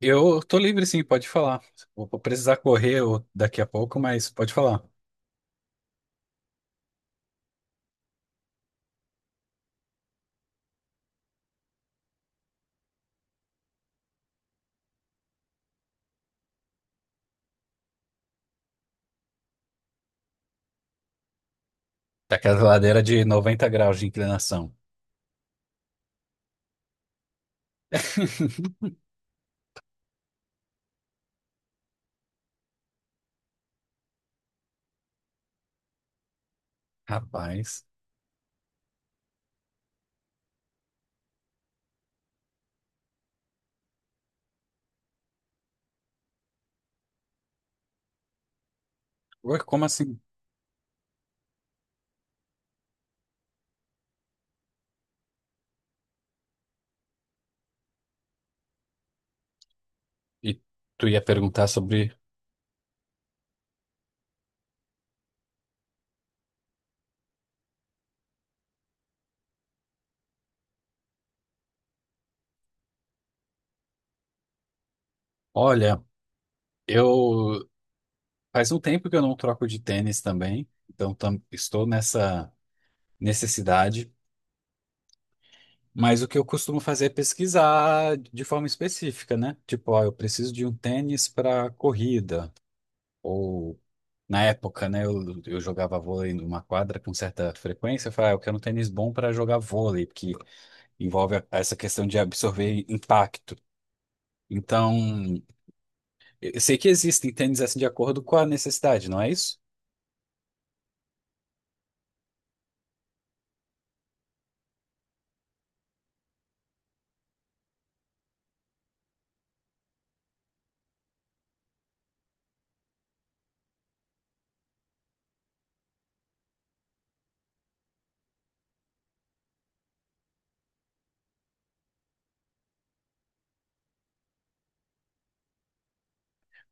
Eu tô livre, sim, pode falar. Vou precisar correr daqui a pouco, mas pode falar. Tá aquela ladeira de 90 graus de inclinação. Rapaz. Ué, como assim? E tu ia perguntar sobre. Olha, eu. Faz um tempo que eu não troco de tênis também, então estou nessa necessidade. Mas o que eu costumo fazer é pesquisar de forma específica, né? Tipo, ó, eu preciso de um tênis para corrida. Na época, né, eu jogava vôlei numa quadra com certa frequência. Eu falei, ah, eu quero um tênis bom para jogar vôlei, porque envolve essa questão de absorver impacto. Então, eu sei que existem tênis assim de acordo com a necessidade, não é isso?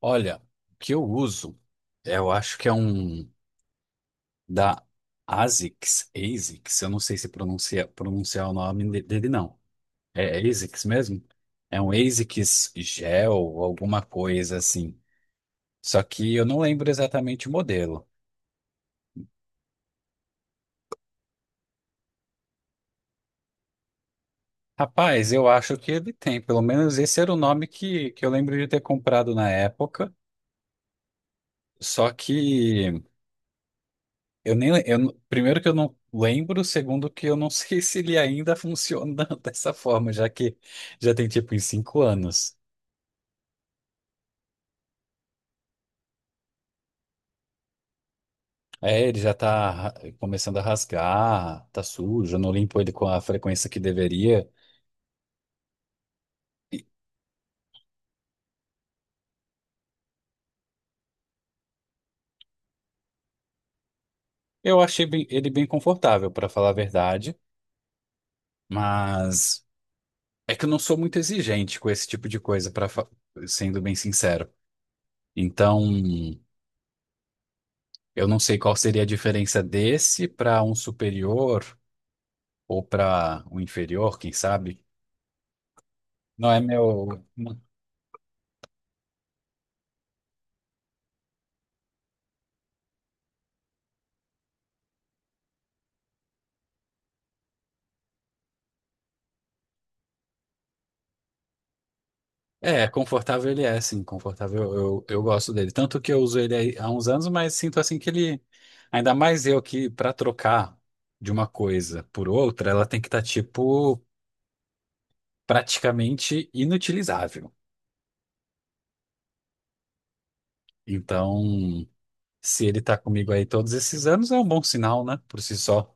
Olha, o que eu uso, eu acho que é um da ASICS, eu não sei se pronuncia, pronunciar o nome dele, não. É, é ASICS mesmo? É um ASICS Gel, alguma coisa assim. Só que eu não lembro exatamente o modelo. Rapaz, eu acho que ele tem, pelo menos esse era o nome que eu lembro de ter comprado na época. Só que eu nem le- eu, não- primeiro que eu não lembro, segundo que eu não sei se ele ainda funciona dessa forma, já que já tem tipo em 5 anos. É, ele já tá começando a rasgar, tá sujo, eu não limpo ele com a frequência que deveria. E eu achei ele bem confortável, para falar a verdade, mas é que eu não sou muito exigente com esse tipo de coisa, para sendo bem sincero. Então, eu não sei qual seria a diferença desse para um superior ou para um inferior, quem sabe. Não é meu. É, confortável ele é, sim, confortável. Eu gosto dele. Tanto que eu uso ele aí há uns anos, mas sinto assim que ele. Ainda mais eu que, para trocar de uma coisa por outra, ela tem que estar, tipo, praticamente inutilizável. Então. Se ele tá comigo aí todos esses anos, é um bom sinal, né? Por si só.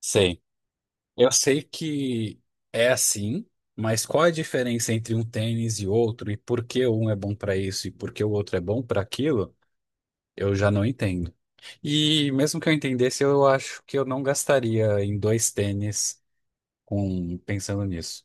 Sei. Eu sei que é assim, mas qual é a diferença entre um tênis e outro e por que um é bom para isso e por que o outro é bom para aquilo? Eu já não entendo. E mesmo que eu entendesse, eu acho que eu não gastaria em dois tênis com pensando nisso.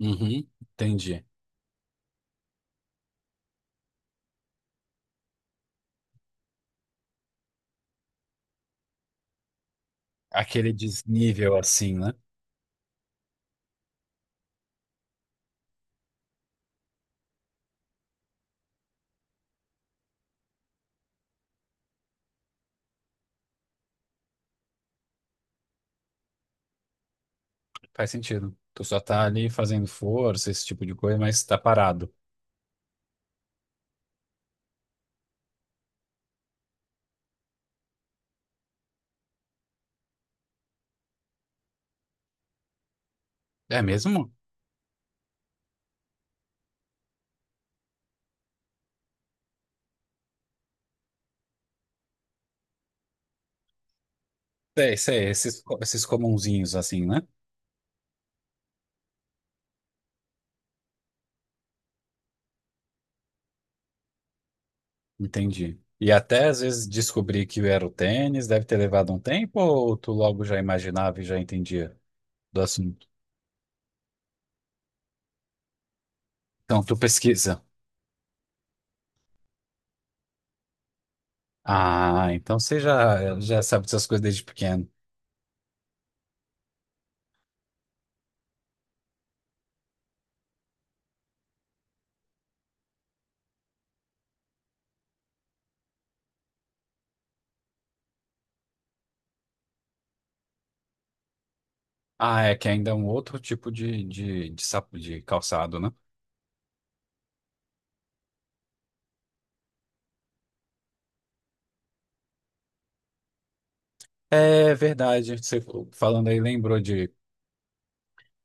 Uhum, entendi. Aquele desnível assim, né? Faz sentido. Tu só tá ali fazendo força, esse tipo de coisa, mas tá parado. É mesmo? Sei, sei, esses, esses comunzinhos assim, né? Entendi. E até às vezes descobrir que era o tênis, deve ter levado um tempo, ou tu logo já imaginava e já entendia do assunto? Então tu pesquisa. Ah, então você já, já sabe dessas coisas desde pequeno. Ah, é que ainda é um outro tipo de, sapo, de calçado, né? É verdade, você falando aí lembrou de.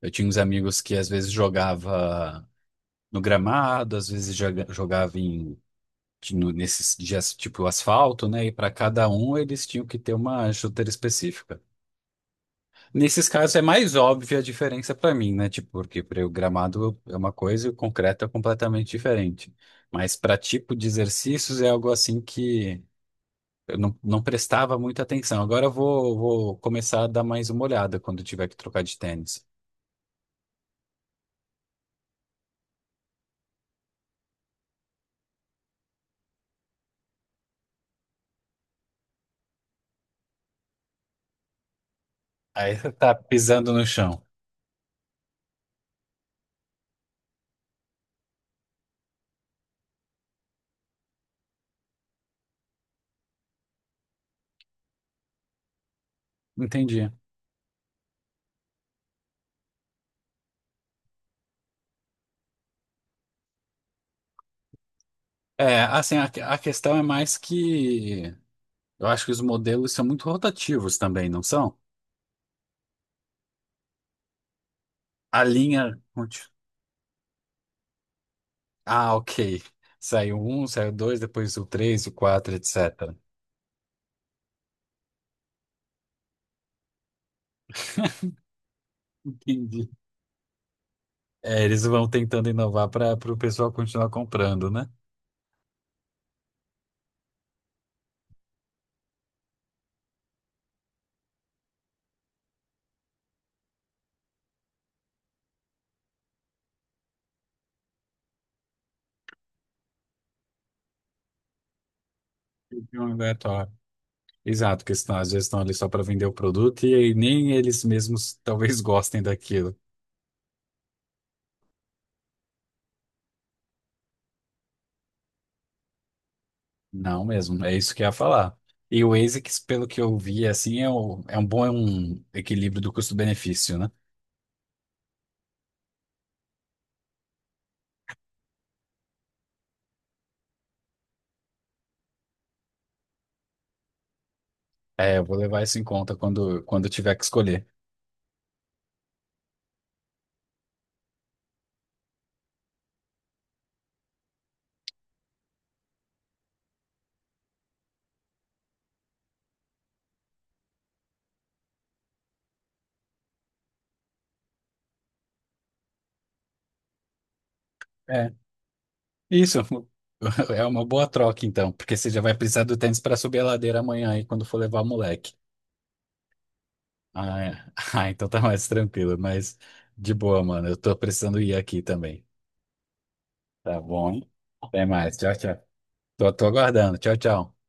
Eu tinha uns amigos que às vezes jogava no gramado, às vezes jogava em nesses dias tipo asfalto, né? E para cada um eles tinham que ter uma chuteira específica. Nesses casos é mais óbvia a diferença para mim, né? Tipo, porque para o gramado é uma coisa e o concreto é completamente diferente. Mas para tipo de exercícios é algo assim que eu não, não prestava muita atenção. Agora eu vou começar a dar mais uma olhada quando eu tiver que trocar de tênis. Aí você tá pisando no chão. Entendi. É, assim, a questão é mais que eu acho que os modelos são muito rotativos também, não são? A linha. Conti- Ah, ok. Saiu um, saiu dois, depois o três, o quatro, etc. Entendi. É, eles vão tentando inovar para o pessoal continuar comprando, né? De um aleatório. Exato, porque senão, às vezes estão ali só para vender o produto e aí nem eles mesmos talvez gostem daquilo. Não mesmo, é isso que eu ia falar. E o ASICS, pelo que eu vi, assim, é, é um bom é um equilíbrio do custo-benefício, né? É, eu vou levar isso em conta quando, quando eu tiver que escolher. É, isso. É uma boa troca, então, porque você já vai precisar do tênis para subir a ladeira amanhã aí quando for levar o moleque. Ah, é. Ah, então tá mais tranquilo, mas de boa, mano. Eu tô precisando ir aqui também. Tá bom, hein? Até mais. Tchau, tchau. Tô aguardando. Tchau, tchau.